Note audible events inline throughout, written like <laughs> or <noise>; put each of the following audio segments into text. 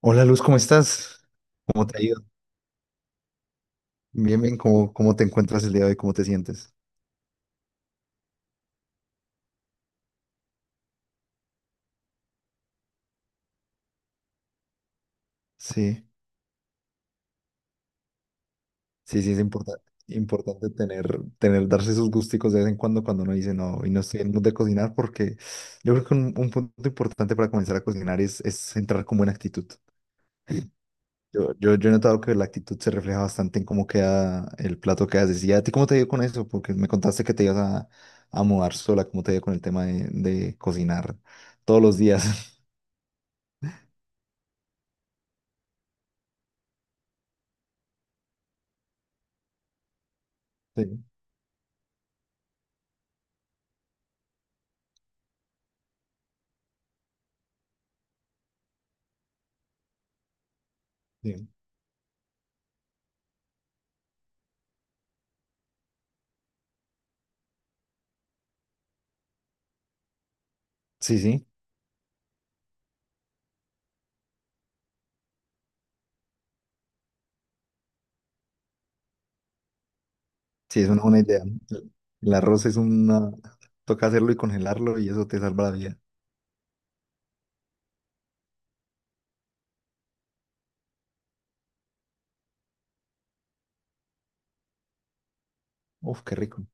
Hola Luz, ¿cómo estás? ¿Cómo te ha ido? Bien, bien, ¿cómo te encuentras el día de hoy? ¿Cómo te sientes? Sí, sí, sí, es importante, importante tener, darse esos gusticos de vez en cuando cuando uno dice, no, y no estoy en el mood de cocinar, porque yo creo que un punto importante para comenzar a cocinar es entrar con buena actitud. Yo he notado que la actitud se refleja bastante en cómo queda el plato que haces. ¿Y a ti cómo te ha ido con eso? Porque me contaste que te ibas a mudar sola, ¿cómo te ha ido con el tema de cocinar todos los días? <laughs> Sí, sí. Sí, sí, sí, es una buena idea. El arroz es una... Toca hacerlo y congelarlo y eso te salva la vida. Uf, qué rico.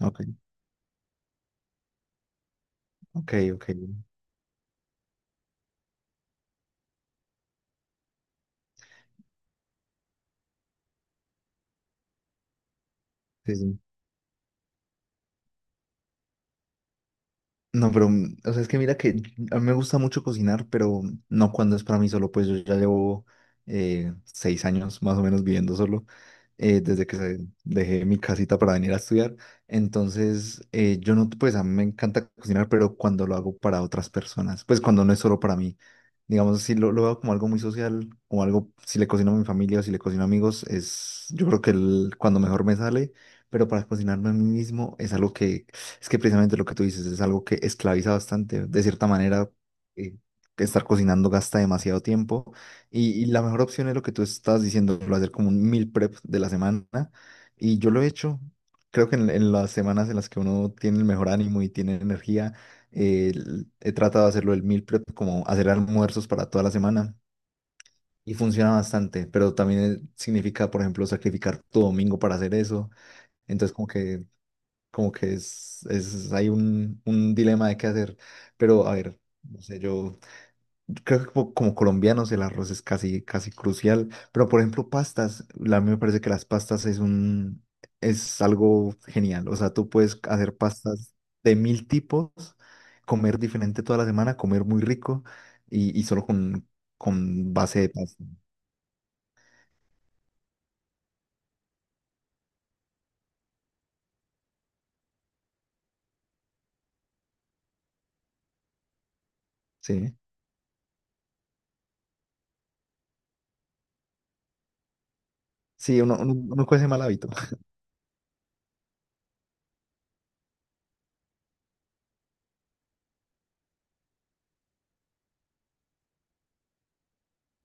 Ok, ok, ok. Sí, sí. No, pero, o sea, es que mira que a mí me gusta mucho cocinar, pero no cuando es para mí solo, pues yo ya llevo 6 años más o menos viviendo solo, desde que dejé mi casita para venir a estudiar. Entonces, yo no, pues a mí me encanta cocinar, pero cuando lo hago para otras personas, pues cuando no es solo para mí. Digamos, si lo veo como algo muy social, o algo, si le cocino a mi familia o si le cocino a amigos, es, yo creo que cuando mejor me sale, pero para cocinarme a mí mismo es algo es que precisamente lo que tú dices es algo que esclaviza bastante. De cierta manera, eh, que estar cocinando gasta demasiado tiempo. Y la mejor opción es lo que tú estás diciendo, lo de hacer como un meal prep de la semana. Y yo lo he hecho. Creo que en las semanas en las que uno tiene el mejor ánimo y tiene energía, he tratado de hacerlo el meal prep, como hacer almuerzos para toda la semana. Y funciona bastante, pero también significa, por ejemplo, sacrificar tu domingo para hacer eso. Entonces, como que es, hay un dilema de qué hacer. Pero a ver, no sé, yo creo que como, como colombianos el arroz es casi, casi crucial. Pero por ejemplo, pastas, a mí me parece que las pastas es es algo genial. O sea, tú puedes hacer pastas de mil tipos, comer diferente toda la semana, comer muy rico y solo con base de pasta. Sí, sí, uno con ese mal hábito. <laughs>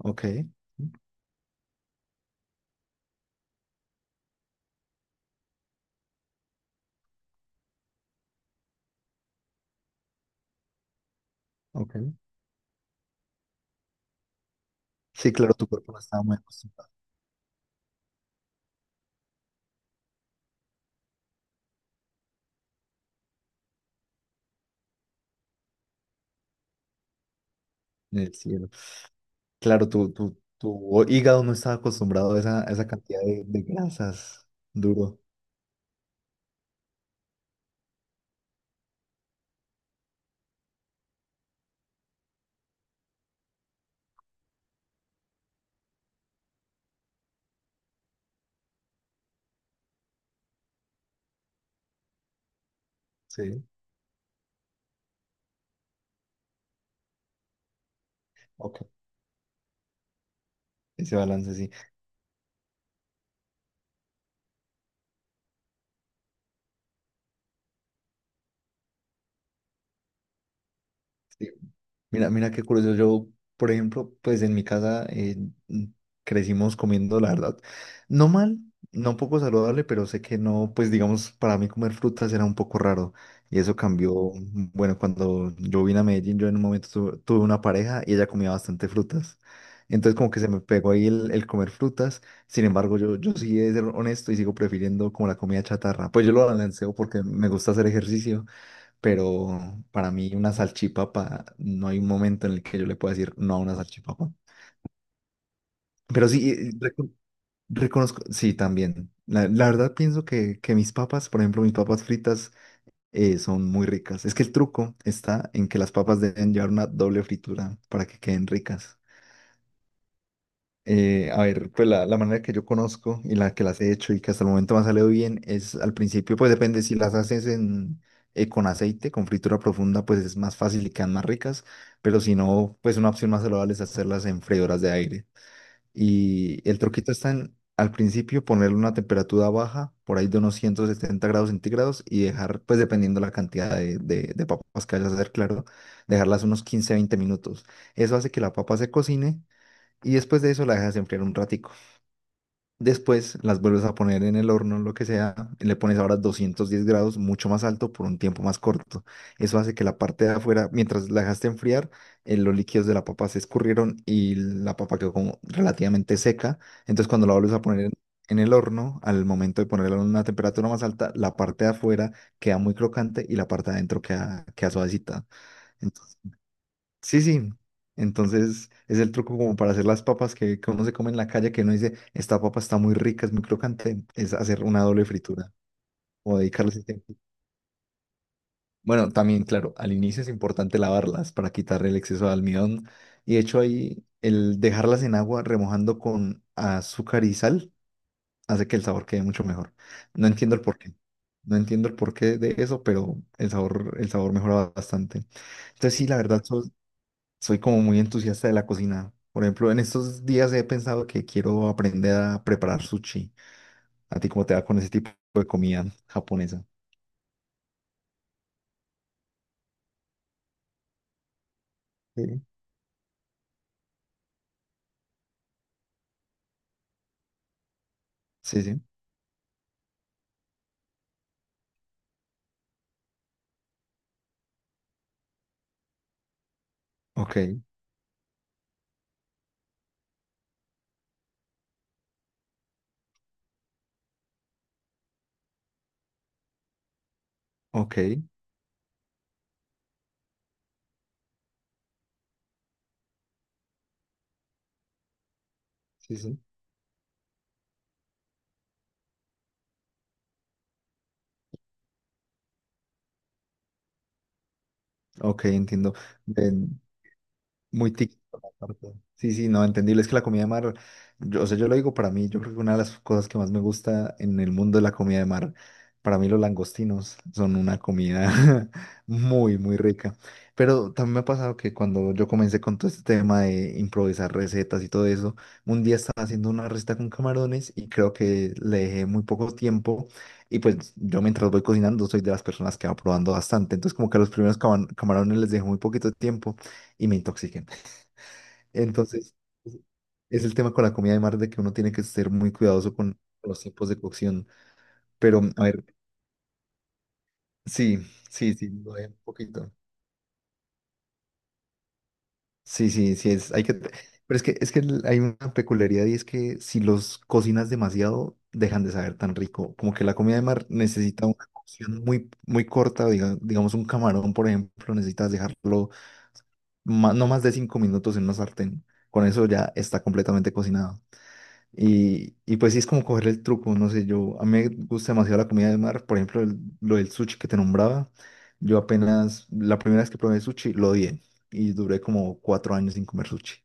Ok, ok. Sí, claro, tu cuerpo no está muy acostumbrado en el cielo. Claro, tu hígado no está acostumbrado a esa cantidad de grasas. Duro. Sí, ok. Ese balance, sí. Sí, mira, mira qué curioso. Yo, por ejemplo, pues en mi casa mm, crecimos comiendo, la verdad, no mal, no poco saludable, pero sé que no, pues digamos, para mí comer frutas era un poco raro. Y eso cambió, bueno, cuando yo vine a Medellín, yo en un momento tuve una pareja y ella comía bastante frutas. Entonces como que se me pegó ahí el comer frutas. Sin embargo, yo sí he de ser honesto y sigo prefiriendo como la comida chatarra. Pues yo lo balanceo porque me gusta hacer ejercicio pero para mí una salchipapa, no hay un momento en el que yo le pueda decir no a una salchipapa. Pero sí, reconozco, sí, también. La verdad pienso que mis papas, por ejemplo, mis papas fritas son muy ricas. Es que el truco está en que las papas deben llevar una doble fritura para que queden ricas. A ver, pues la manera que yo conozco y la que las he hecho y que hasta el momento me ha salido bien es al principio, pues depende si las haces con aceite, con fritura profunda, pues es más fácil y quedan más ricas, pero si no, pues una opción más saludable es hacerlas en freidoras de aire. Y el truquito está en al principio ponerle una temperatura baja, por ahí de unos 170 grados centígrados y dejar, pues dependiendo la cantidad de papas que vayas a hacer, claro, dejarlas unos 15-20 minutos. Eso hace que la papa se cocine y después de eso la dejas enfriar un ratico. Después las vuelves a poner en el horno, lo que sea, y le pones ahora 210 grados, mucho más alto, por un tiempo más corto. Eso hace que la parte de afuera, mientras la dejaste enfriar, los líquidos de la papa se escurrieron y la papa quedó como relativamente seca. Entonces cuando la vuelves a poner en el horno, al momento de ponerla a una temperatura más alta, la parte de afuera queda muy crocante y la parte de adentro queda, queda suavecita. Entonces, sí, sí. Entonces es el truco como para hacer las papas que uno se come en la calle, que uno dice, esta papa está muy rica, es muy crocante, es hacer una doble fritura o dedicarle ese tiempo. Bueno, también, claro, al inicio es importante lavarlas para quitar el exceso de almidón. Y de hecho ahí el dejarlas en agua remojando con azúcar y sal hace que el sabor quede mucho mejor. No entiendo el porqué. No entiendo el porqué de eso, pero el sabor mejora bastante. Entonces sí, la verdad, soy como muy entusiasta de la cocina. Por ejemplo, en estos días he pensado que quiero aprender a preparar sushi. ¿A ti cómo te va con ese tipo de comida japonesa? Sí, sí, sí. Ok, ok, sí, sí. Ok, entiendo. Ven, muy típico, aparte. Sí, sí, no, entendible. Es que la comida de mar, yo, o sea, yo lo digo para mí, yo creo que una de las cosas que más me gusta en el mundo de la comida de mar, para mí los langostinos son una comida <laughs> muy, muy rica. Pero también me ha pasado que cuando yo comencé con todo este tema de improvisar recetas y todo eso, un día estaba haciendo una receta con camarones y creo que le dejé muy poco tiempo. Y pues yo mientras voy cocinando soy de las personas que va probando bastante. Entonces como que a los primeros camarones les dejé muy poquito tiempo y me intoxiqué. Entonces, es el tema con la comida de mar de que uno tiene que ser muy cuidadoso con los tiempos de cocción. Pero, a ver, sí, sí, sí, lo dejo un poquito. Sí, sí, sí, hay que... Pero es que hay una peculiaridad y es que si los cocinas demasiado, dejan de saber tan rico. Como que la comida de mar necesita una cocción muy, muy corta, digamos un camarón, por ejemplo, necesitas dejarlo no más de 5 minutos en una sartén. Con eso ya está completamente cocinado. Y pues sí es como coger el truco, no sé, yo a mí me gusta demasiado la comida de mar, por ejemplo, lo del sushi que te nombraba, yo apenas, la primera vez que probé sushi lo odié y duré como 4 años sin comer sushi.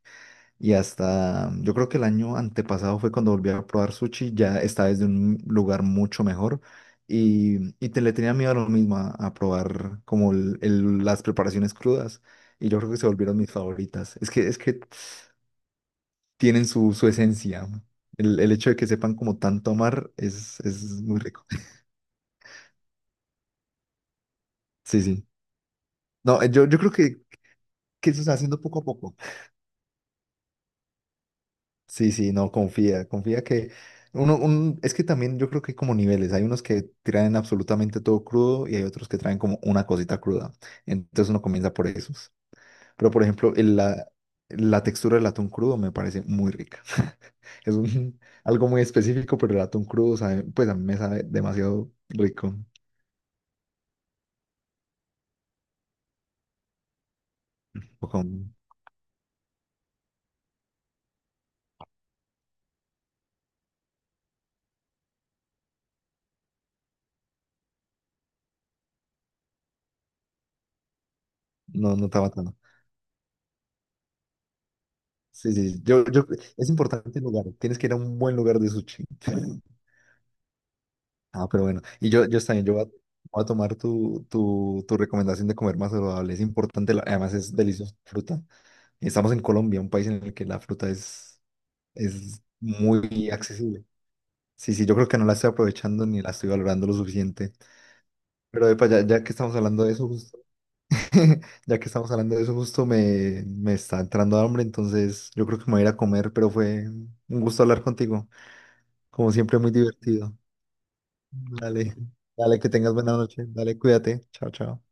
Y hasta, yo creo que el año antepasado fue cuando volví a probar sushi, ya esta vez de un lugar mucho mejor y te le tenía miedo a lo mismo, a probar como las preparaciones crudas y yo creo que se volvieron mis favoritas. Es que tienen su esencia, ¿no? El hecho de que sepan como tanto amar es muy rico. <laughs> Sí, sí. No, yo creo que eso se está haciendo poco a poco. Sí, sí, no, confía, confía que uno, un, es que también yo creo que hay como niveles. Hay unos que traen absolutamente todo crudo y hay otros que traen como una cosita cruda. Entonces uno comienza por esos. Pero por ejemplo, la textura del atún crudo me parece muy rica. <laughs> Es un, algo muy específico, pero el atún crudo pues a mí me sabe demasiado rico. No, no está matando. Sí, sí, sí. Yo, es importante el lugar. Tienes que ir a un buen lugar de sushi. <laughs> Ah, pero bueno. Y yo también, yo voy a, voy a tomar tu recomendación de comer más saludable. Es importante, además es deliciosa la fruta. Estamos en Colombia, un país en el que la fruta es muy accesible. Sí, sí, yo creo que no la estoy aprovechando ni la estoy valorando lo suficiente. Pero epa, ya que estamos hablando de eso, <laughs> ya que estamos hablando de eso, justo me está entrando hambre, entonces yo creo que me voy a ir a comer, pero fue un gusto hablar contigo. Como siempre, muy divertido. Dale, dale, que tengas buena noche. Dale, cuídate. Chao, chao.